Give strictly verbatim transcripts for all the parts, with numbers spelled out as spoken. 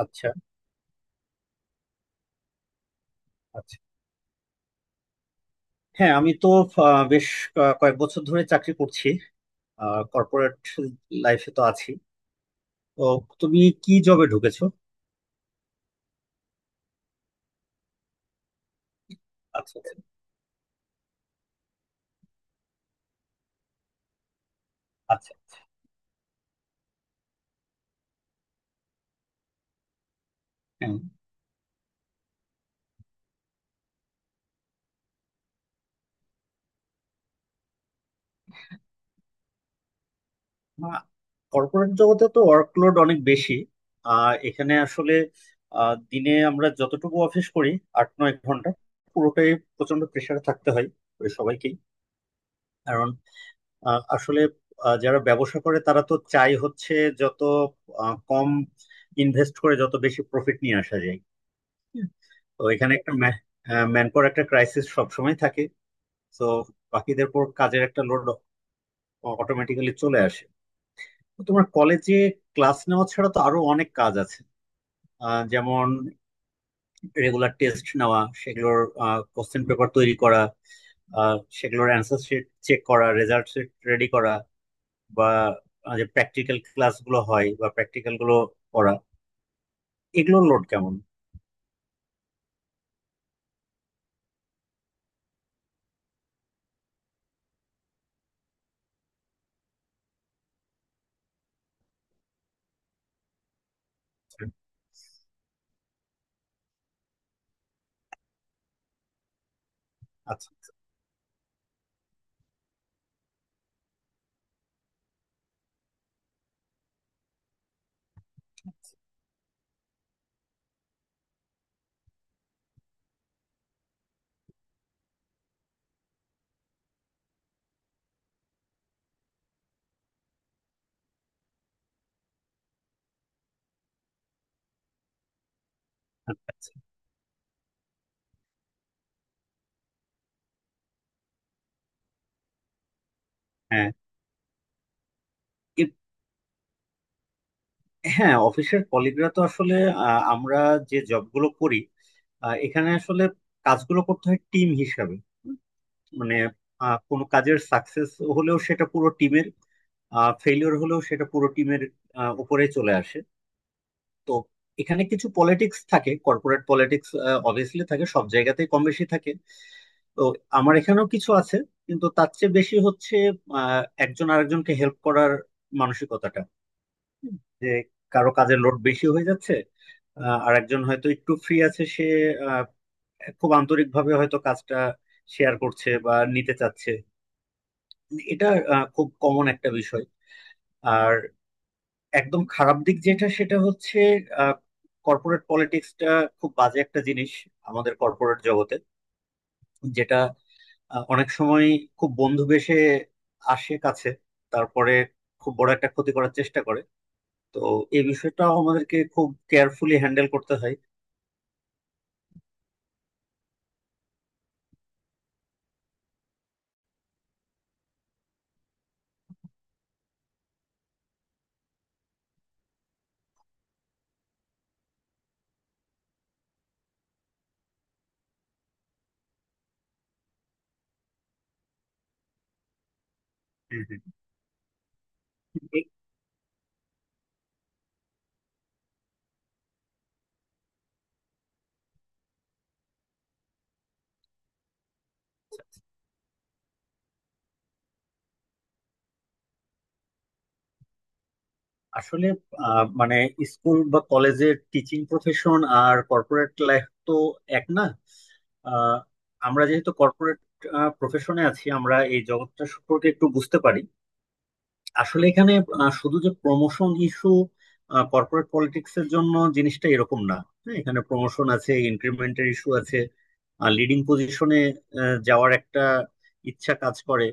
আচ্ছা আচ্ছা। হ্যাঁ, আমি তো আহ, বেশ ক- কয়েক বছর ধরে চাকরি করছি, কর্পোরেট লাইফে তো আছি। তো তুমি কি জবে ঢুকেছো? আচ্ছা আচ্ছা। হ্যাঁ, কর্পোরেট জগতে তো ওয়ার্কলোড অনেক বেশি। আহ এখানে আসলে আহ, দিনে আমরা যতটুকু অফিস করি, আট নয় ঘন্টা পুরোটাই প্রচন্ড প্রেশারে থাকতে হয় ওই সবাইকেই। কারণ আহ, আসলে আহ, যারা ব্যবসা করে তারা তো চাই হচ্ছে যত আহ, কম ইনভেস্ট করে যত বেশি প্রফিট নিয়ে আসা যায়। তো এখানে একটা ম্যান পাওয়ার একটা ক্রাইসিস সবসময় থাকে। তো বাকিদের পর কাজের একটা লোড অটোমেটিক্যালি চলে আসে। তো তোমার কলেজে ক্লাস নেওয়া ছাড়া তো আরো অনেক কাজ আছে, আহ, যেমন রেগুলার টেস্ট নেওয়া, সেগুলোর কোশ্চেন পেপার তৈরি করা, আহ, সেগুলোর অ্যান্সার শিট চেক করা, রেজাল্ট শিট রেডি করা, বা যে প্র্যাকটিক্যাল ক্লাসগুলো হয় বা প্র্যাকটিক্যাল গুলো করা। এগুলোর লোড কেমন? আচ্ছা আচ্ছা। আচ্ছা। হ্যাঁ। এ- হ্যাঁ, অফিসের কলিগরা তো আসলে, আহ, আমরা যে জবগুলো করি, আহ, এখানে আসলে কাজগুলো করতে হয় টিম হিসাবে। মানে আহ, কোনো কাজের সাকসেস হলেও সেটা পুরো টিমের, ফেলিওর হলেও সেটা পুরো টিমের উপরে চলে আসে। তো এখানে কিছু পলিটিক্স থাকে, কর্পোরেট পলিটিক্স অবভিয়াসলি থাকে সব জায়গাতেই কম বেশি থাকে। তো আমার এখানেও কিছু আছে, কিন্তু তার চেয়ে বেশি হচ্ছে আহ, একজন আরেকজনকে হেল্প করার মানসিকতাটা। হুম। যে কারো কাজের লোড বেশি হয়ে যাচ্ছে, আহ, আর একজন হয়তো একটু ফ্রি আছে, সে আহ, খুব আন্তরিকভাবে হয়তো কাজটা শেয়ার করছে বা নিতে চাচ্ছে। এটা আহ, খুব কমন একটা বিষয়। আর একদম খারাপ দিক যেটা সেটা হচ্ছে কর্পোরেট পলিটিক্সটা, খুব বাজে একটা জিনিস আমাদের কর্পোরেট জগতে, যেটা আহ, অনেক সময় খুব বন্ধু বেশে আসে কাছে, তারপরে খুব বড় একটা ক্ষতি করার চেষ্টা করে। তো এই বিষয়টা আমাদেরকে খুব কেয়ারফুলি হ্যান্ডেল করতে হয়। হুম হুম। এ- আসলে আহ, মানে স্কুল বা কলেজের টিচিং প্রফেশন আর কর্পোরেট লাইফ তো এক না। আহ, আমরা যেহেতু কর্পোরেট প্রফেশনে আছি, আমরা এই জগৎটা সম্পর্কে একটু বুঝতে পারি। আসলে এখানে আহ, শুধু যে প্রমোশন ইস্যু, কর্পোরেট পলিটিক্স এর জন্য জিনিসটা এরকম না। হ্যাঁ, এখানে প্রমোশন আছে, ইনক্রিমেন্টের ইস্যু আছে, আর লিডিং পজিশনে যাওয়ার একটা ইচ্ছা কাজ করে।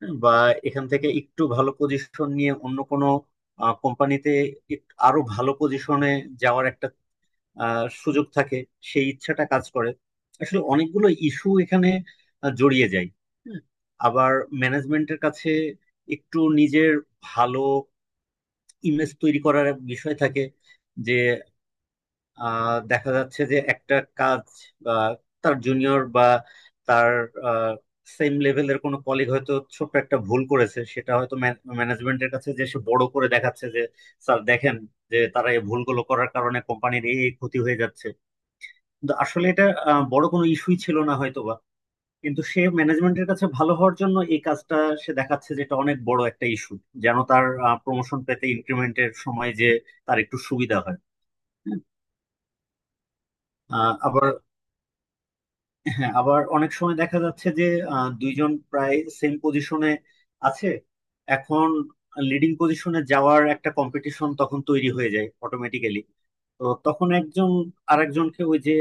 হ্যাঁ, বা এখান থেকে একটু ভালো পজিশন নিয়ে অন্য কোনো কোম্পানিতে আরো ভালো পজিশনে যাওয়ার একটা আহ, সুযোগ থাকে, সেই ইচ্ছাটা কাজ করে। আসলে অনেকগুলো ইস্যু এখানে আহ, জড়িয়ে যায়। হ্যাঁ, আবার ম্যানেজমেন্টের কাছে একটু নিজের ভালো ইমেজ তৈরি করার এক বিষয় থাকে। যে আহ, দেখা যাচ্ছে যে একটা কাজ, বা তার জুনিয়র বা তার সেম লেভেলের কোনো কলিগ হয়তো ছোট্ট একটা ভুল করেছে, সেটা হয়তো ম্যানেজমেন্টের কাছে যে সে বড় করে দেখাচ্ছে যে স্যার দেখেন যে তারা এই ভুলগুলো করার কারণে কোম্পানির এই এই ক্ষতি হয়ে যাচ্ছে। কিন্তু আসলে এটা আহ, বড় কোনো ইস্যুই ছিল না হয়তোবা, কিন্তু সে ম্যানেজমেন্টের কাছে ভালো হওয়ার জন্য এই কাজটা সে দেখাচ্ছে যে এটা অনেক বড় একটা ইস্যু, যেন তার প্রমোশন পেতে ইনক্রিমেন্টের সময় যে তার একটু সুবিধা হয়। আহ, আবার হ্যাঁ, আবার অনেক সময় দেখা যাচ্ছে যে আহ, দুইজন প্রায় সেম পজিশনে আছে। এখন লিডিং পজিশনে যাওয়ার একটা কম্পিটিশন তখন তৈরি হয়ে যায় অটোমেটিক্যালি। তো তখন একজন আরেকজনকে ওই যে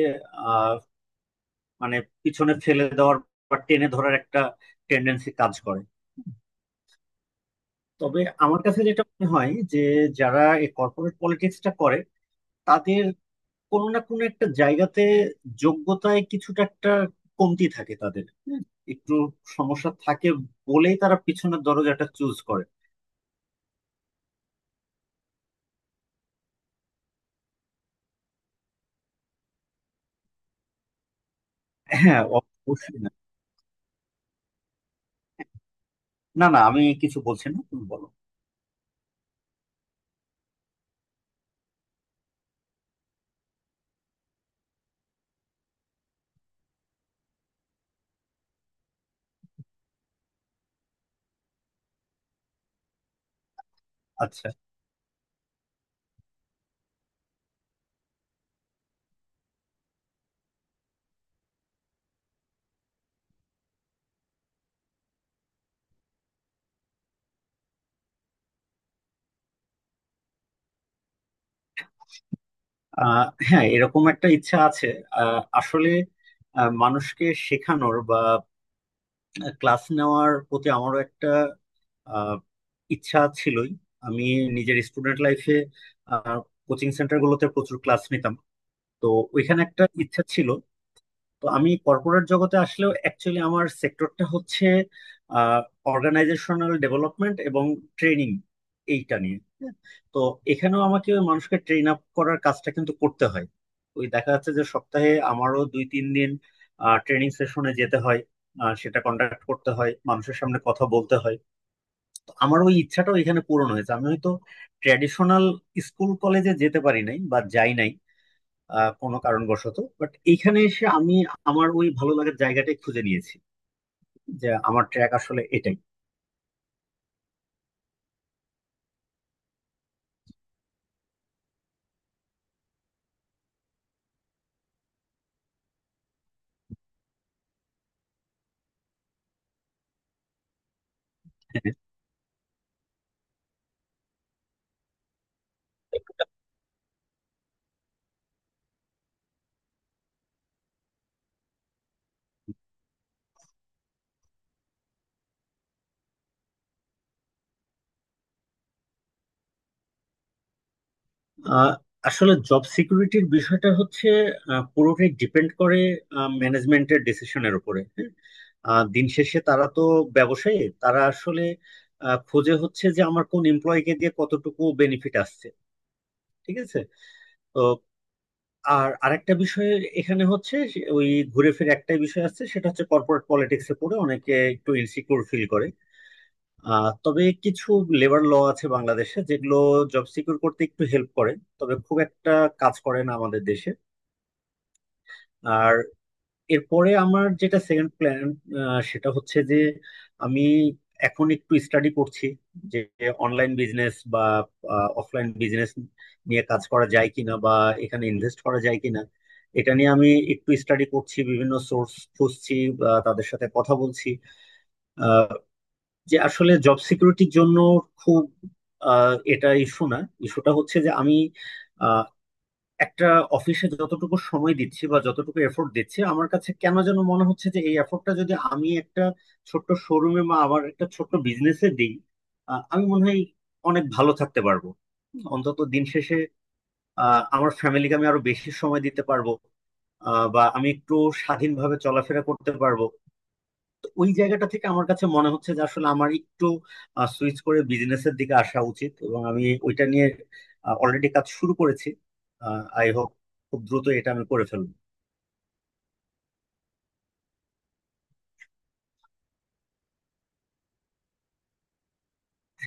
মানে পিছনে ফেলে দেওয়ার বা টেনে ধরার একটা টেন্ডেন্সি কাজ করে। তবে আমার কাছে যেটা মনে হয় যে, যারা এই কর্পোরেট পলিটিক্সটা করে তাদের কোনো না কোনো একটা জায়গাতে যোগ্যতায় কিছুটা একটা কমতি থাকে, তাদের হুম, একটু সমস্যা থাকে বলেই তারা পিছনের দরজাটা চুজ করে। হ্যাঁ অবশ্যই না। না না আমি কিছু বলছি না, তুমি বলো। আচ্ছা। আহ, হ্যাঁ, এরকম একটা ইচ্ছা আছে। আহ, আসলে আহ, মানুষকে শেখানোর বা ক্লাস নেওয়ার প্রতি আমারও একটা আহ, ইচ্ছা ছিলই। আমি নিজের স্টুডেন্ট লাইফে কোচিং সেন্টার গুলোতে প্রচুর ক্লাস নিতাম। তো ওইখানে একটা ইচ্ছা ছিল। তো আমি কর্পোরেট জগতে আসলেও অ্যাকচুয়ালি আমার সেক্টরটা হচ্ছে অর্গানাইজেশনাল ডেভেলপমেন্ট এবং ট্রেনিং, এইটা নিয়ে। হ্যাঁ, তো এখানেও আমাকে ওই মানুষকে ট্রেন আপ করার কাজটা কিন্তু করতে হয়। ওই দেখা যাচ্ছে যে সপ্তাহে আমারও দুই তিন দিন ট্রেনিং সেশনে যেতে হয়, আহ, সেটা কন্ডাক্ট করতে হয়, মানুষের সামনে কথা বলতে হয়। তো আমার ওই ইচ্ছাটাও এখানে পূরণ হয়েছে। আমি হয়তো ট্র্যাডিশনাল স্কুল কলেজে যেতে পারি নাই বা যাই নাই আহ কোনো কারণবশত, বাট এইখানে এসে আমি আমার ওই ভালো লাগার জায়গাটাই খুঁজে নিয়েছি, যে আমার ট্র্যাক আসলে এটাই। আহ, আসলে জব সিকিউরিটির বিষয়টা হচ্ছে আহ, পুরোটাই ডিপেন্ড করে ম্যানেজমেন্টের ডিসিশনের উপরে। হ্যাঁ, আহ, দিন শেষে তারা তো ব্যবসায়ী, তারা আসলে আহ, খোঁজে হচ্ছে যে আমার কোন এমপ্লয়ীকে দিয়ে কতটুকু বেনিফিট আসছে ঠিক আছে। তো আর আরেকটা বিষয় এখানে হচ্ছে সে- ওই ঘুরে ফিরে একটাই বিষয় আসছে, সেটা হচ্ছে কর্পোরেট পলিটিক্সে পড়ে অনেকে একটু ইনসিকিউর ফিল করে। আহ, তবে কিছু লেবার ল আছে বাংলাদেশে যেগুলো জব সিকিউর করতে একটু হেল্প করে, তবে খুব একটা কাজ করে না আমাদের দেশে। আর এরপরে আমার যেটা সেকেন্ড প্ল্যান, সেটা হচ্ছে যে আমি এখন একটু স্টাডি করছি যে অনলাইন বিজনেস বা অফলাইন বিজনেস নিয়ে কাজ করা যায় কিনা, বা এখানে ইনভেস্ট করা যায় কিনা। এটা নিয়ে আমি একটু স্টাডি করছি, বিভিন্ন সোর্স খুঁজছি বা তাদের সাথে কথা বলছি। যে আসলে জব সিকিউরিটির জন্য খুব আহ, এটা ইস্যু না, ইস্যুটা হচ্ছে যে আমি আহ, একটা অফিসে যতটুকু সময় দিচ্ছি বা যতটুকু এফোর্ট দিচ্ছি, আমার কাছে কেন যেন মনে হচ্ছে যে এই এফোর্টটা যদি আমি একটা ছোট্ট শোরুমে বা আমার একটা ছোট্ট বিজনেসে দিই, আহ, আমি মনে হয় অনেক ভালো থাকতে পারবো। অন্তত দিন শেষে আহ, আমার ফ্যামিলিকে আমি আরো বেশি সময় দিতে পারবো, আহ, বা আমি একটু স্বাধীনভাবে চলাফেরা করতে পারবো। ওই জায়গাটা থেকে আমার কাছে মনে হচ্ছে যে আসলে আমার একটু সুইচ করে বিজনেসের দিকে আসা উচিত, এবং আমি ওইটা নিয়ে অলরেডি কাজ শুরু করেছি। আই হোপ খুব দ্রুত এটা আমি করে ফেলবো।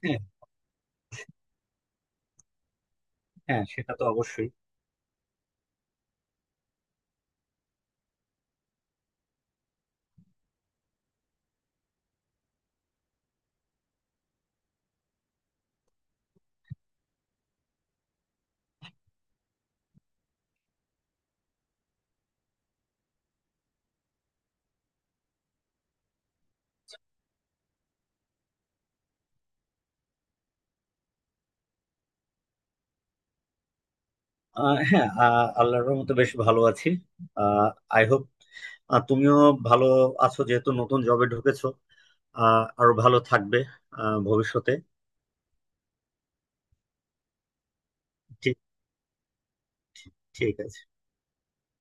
হ্যাঁ, হ্যাঁ সেটা তো অবশ্যই। আহ, হ্যাঁ, আহ, আল্লাহর রহমতে বেশ ভালো আছি। আই হোপ তুমিও ভালো আছো, যেহেতু নতুন জবে ঢুকেছো আহ আরো ভালো থাকবে আহ ভবিষ্যতে। ঠিক, ঠিক, ঠিক আছে।